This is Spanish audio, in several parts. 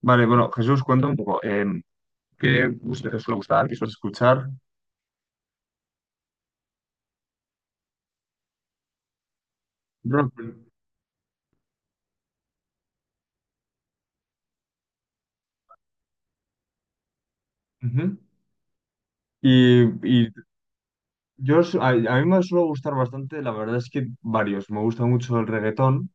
Vale, bueno, Jesús, cuenta un poco. ¿Qué usted suele gustar? ¿Qué suele escuchar? Rock. Ujú. Y yo, a mí me suele gustar bastante, la verdad es que varios. Me gusta mucho el reggaetón,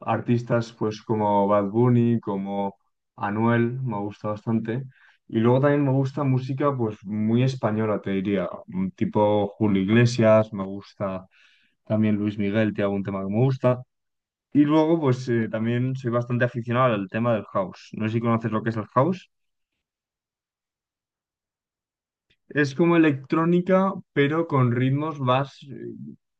artistas pues como Bad Bunny, como Anuel, me gusta bastante. Y luego también me gusta música pues muy española, te diría, tipo Julio Iglesias, me gusta también Luis Miguel, tiene algún tema que me gusta. Y luego, pues también soy bastante aficionado al tema del house. No sé si conoces lo que es el house. Es como electrónica, pero con ritmos más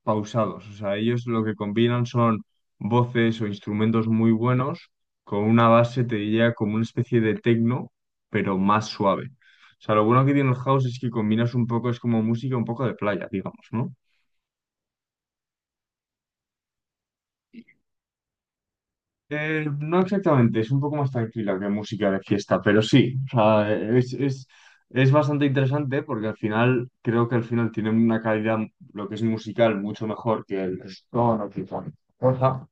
pausados. O sea, ellos lo que combinan son voces o instrumentos muy buenos con una base, te diría, como una especie de techno, pero más suave. O sea, lo bueno que tiene el house es que combinas un poco, es como música un poco de playa, digamos, ¿no? No exactamente, es un poco más tranquila que música de fiesta, pero sí, o sea, es bastante interesante porque al final creo que al final tiene una calidad, lo que es musical, mucho mejor que el reggaetón o que cualquier cosa.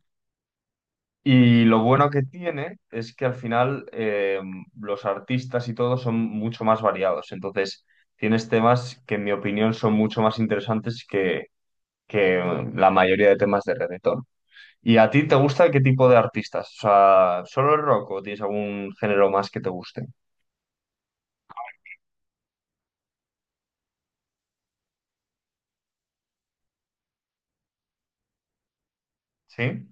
Y lo bueno que tiene es que al final, los artistas y todo son mucho más variados, entonces tienes temas que en mi opinión son mucho más interesantes que la mayoría de temas de reggaetón. ¿Y a ti te gusta qué tipo de artistas? O sea, ¿solo el rock o tienes algún género más que te guste? ¿Sí?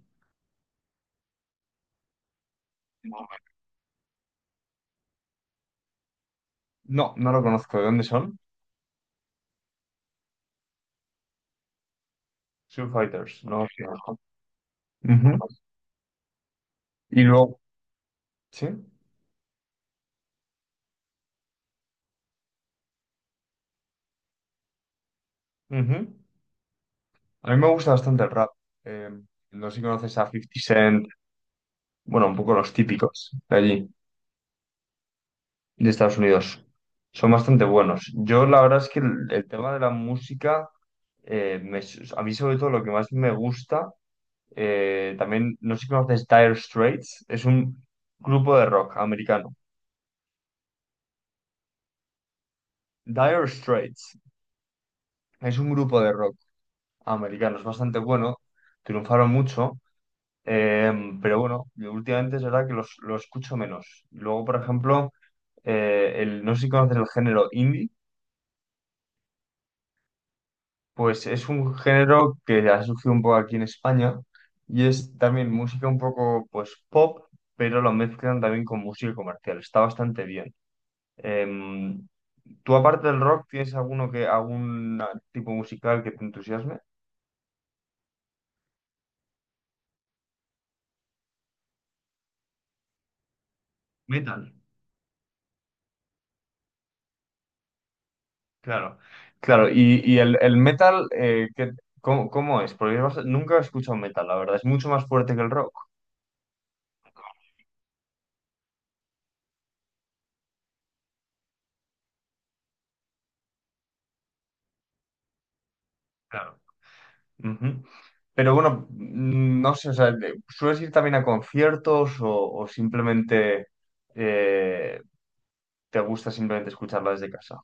No, no lo conozco. ¿De dónde son? Foo Fighters, no los conozco. Ujú. Y luego, ¿sí? Ujú. A mí me gusta bastante el rap. Eh, no sé si conoces a Fifty Cent, bueno, un poco los típicos de allí, de Estados Unidos. Son bastante buenos. Yo la verdad es que el tema de la música, eh, me- a mí sobre todo lo que más me gusta. También, no sé si conoces Dire Straits, es un grupo de rock americano. Dire Straits es un grupo de rock americano, es bastante bueno, triunfaron mucho, eh, pero bueno, yo últimamente es verdad que lo escucho menos. Luego, por ejemplo, no sé si conoces el género indie, pues es un género que ha surgido un poco aquí en España y es también música un poco pues pop, pero lo mezclan también con música comercial, está bastante bien. Em, ¿Tú aparte del rock tienes algún tipo musical que te entusiasme? Metal, claro. Claro, y el metal, ¿cómo, cómo es? Porque yo nunca he escuchado metal, la verdad, es mucho más fuerte que el rock. Claro. Ujú. Pero bueno, no sé, o sea, ¿sueles ir también a conciertos o simplemente eh, te gusta simplemente escucharla desde casa?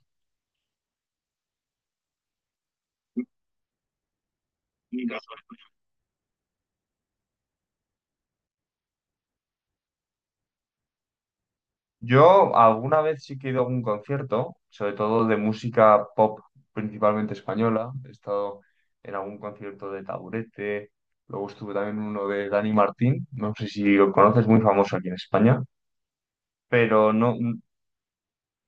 Yo alguna vez sí que he ido a algún concierto, sobre todo de música pop, principalmente española. He estado en algún concierto de Taburete, luego estuve también en uno de Dani Martín, no sé si lo conoces, muy famoso aquí en España, pero no,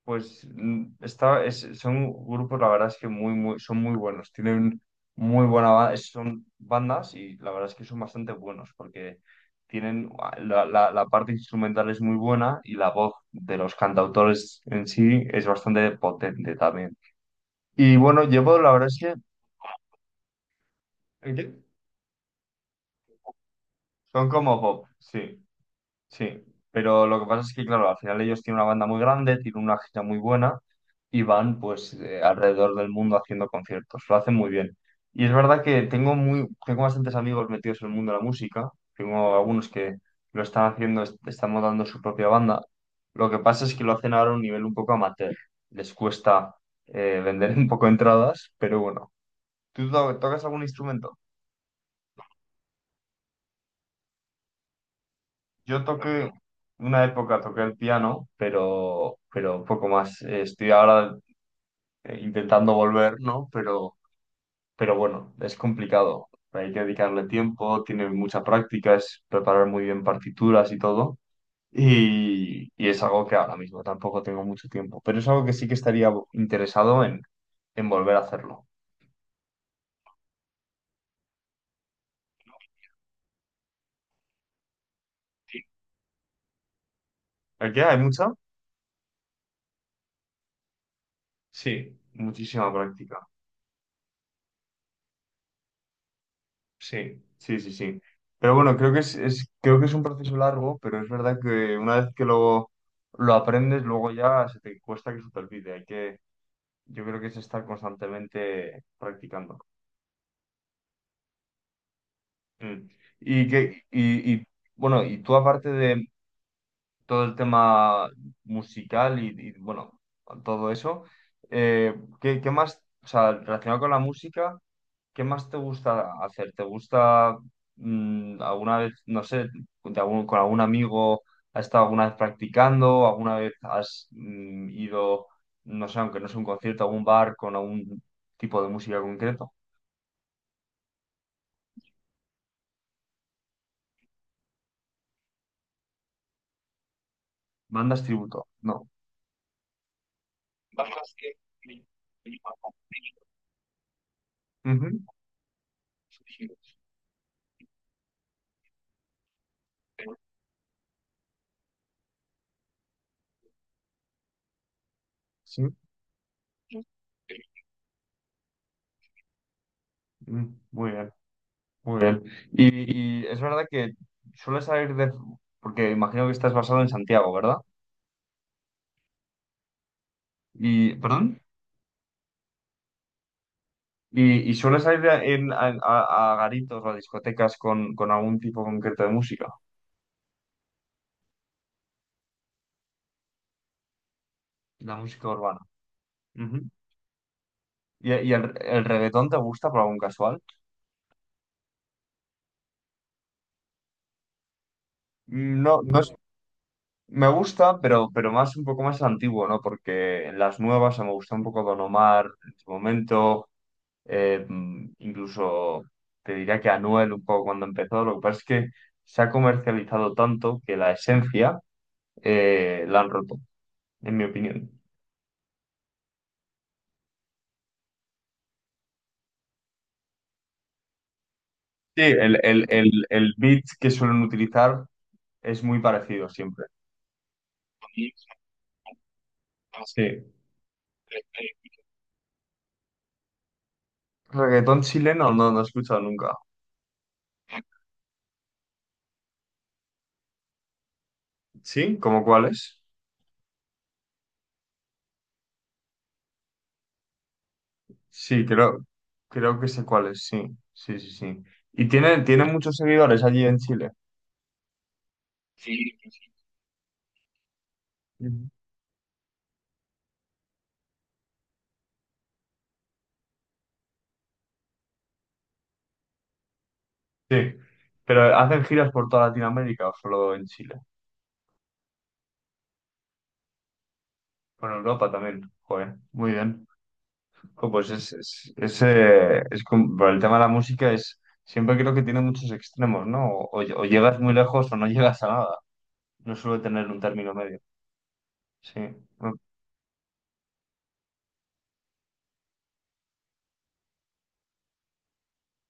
pues son grupos, la verdad es que muy, muy, son muy buenos, tienen son bandas y la verdad es que son bastante buenos porque tienen la parte instrumental es muy buena y la voz de los cantautores en sí es bastante potente también. Y bueno, llevo, la verdad es que son como pop, sí. Sí, pero lo que pasa es que, claro, al final ellos tienen una banda muy grande, tienen una gira muy buena y van pues alrededor del mundo haciendo conciertos. Lo hacen muy bien. Y es verdad que tengo muy, tengo bastantes amigos metidos en el mundo de la música. Tengo algunos que lo están haciendo, están montando su propia banda. Lo que pasa es que lo hacen ahora a un nivel un poco amateur. Les cuesta vender un poco entradas, pero bueno. ¿Tú tocas algún instrumento? Yo toqué, una época toqué el piano, pero poco más. Estoy ahora intentando volver, ¿no? Pero bueno, es complicado. Hay que dedicarle tiempo, tiene mucha práctica, es preparar muy bien partituras y todo. Y es algo que ahora mismo tampoco tengo mucho tiempo, pero es algo que sí que estaría interesado en volver a hacerlo. Sí. ¿El qué? ¿Hay mucha? Sí, muchísima práctica. Sí, sí, sí, sí. Pero bueno, creo que es un proceso largo, pero es verdad que una vez que lo aprendes, luego ya se te cuesta que se te olvide. Hay que, yo creo que es estar constantemente practicando. Mm. Y que, y, y, bueno, y tú aparte de todo el tema musical bueno, todo eso, eh, ¿qué, qué más, o sea, relacionado con la música? ¿Qué más te gusta hacer? ¿Te gusta alguna vez, no sé, con algún amigo has estado alguna vez practicando? ¿Alguna vez has ido, no sé, aunque no sea un concierto, a algún bar con algún tipo de música concreto? ¿Bandas tributo? No. Bandas que... Ujú. Sí. Mm, muy bien, muy bien. Y es verdad que suele salir de... Porque imagino que estás basado en Santiago, ¿verdad? Y, ¿perdón? Y sueles ir a garitos o a discotecas con algún tipo concreto de música? La música urbana. Ujú. Y el reggaetón te gusta por algún casual? No, me gusta, pero más un poco más antiguo, ¿no? Porque en las nuevas, o sea, me gusta un poco Don Omar en su momento, incluso te diría que Anuel un poco cuando empezó. Lo que pasa es que se ha comercializado tanto que la esencia la han roto, en mi opinión. Sí, el beat que suelen utilizar es muy parecido siempre. Sí. Reggaetón chileno no, no he escuchado nunca. ¿Sí? ¿Cómo cuál es? Sí, creo, creo que sé cuál es, sí. Sí, sí, sí. Y tiene, tiene muchos seguidores allí en Chile. Sí. Ujú. Sí. Pero hacen giras por toda Latinoamérica o solo en Chile. Por Europa también. Joder, muy bien. Jo, pues por el tema de la música es siempre creo que tiene muchos extremos, ¿no? O llegas muy lejos o no llegas a nada. No suele tener un término medio. Sí. Bueno,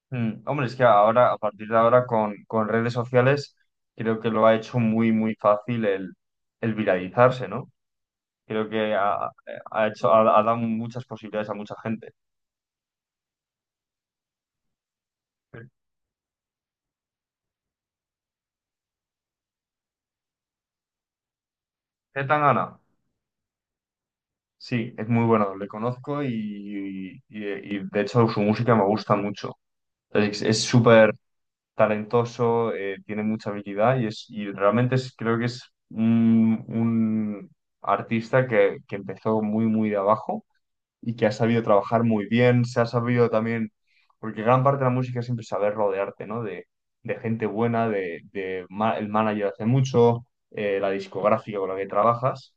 mm, hombre, es que ahora, a partir de ahora, con redes sociales, creo que lo ha hecho muy, muy fácil el viralizarse, ¿no? Creo que ha dado muchas posibilidades a mucha gente. ¿Qué tan gana? Sí, es muy bueno, le conozco y, de hecho, su música me gusta mucho. Es súper talentoso, tiene mucha habilidad y realmente creo que es un artista que empezó muy, muy de abajo y que ha sabido trabajar muy bien, se ha sabido también, porque gran parte de la música es siempre saber rodearte, ¿no? De gente buena, el manager hace mucho, la discográfica con la que trabajas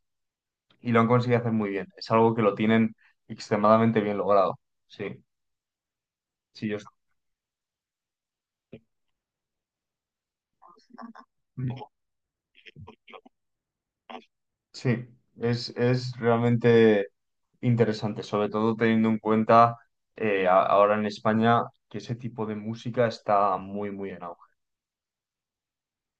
y lo han conseguido hacer muy bien. Es algo que lo tienen extremadamente bien logrado. Sí, sí, yo. Sí, es realmente interesante, sobre todo teniendo en cuenta ahora en España que ese tipo de música está muy, muy en auge.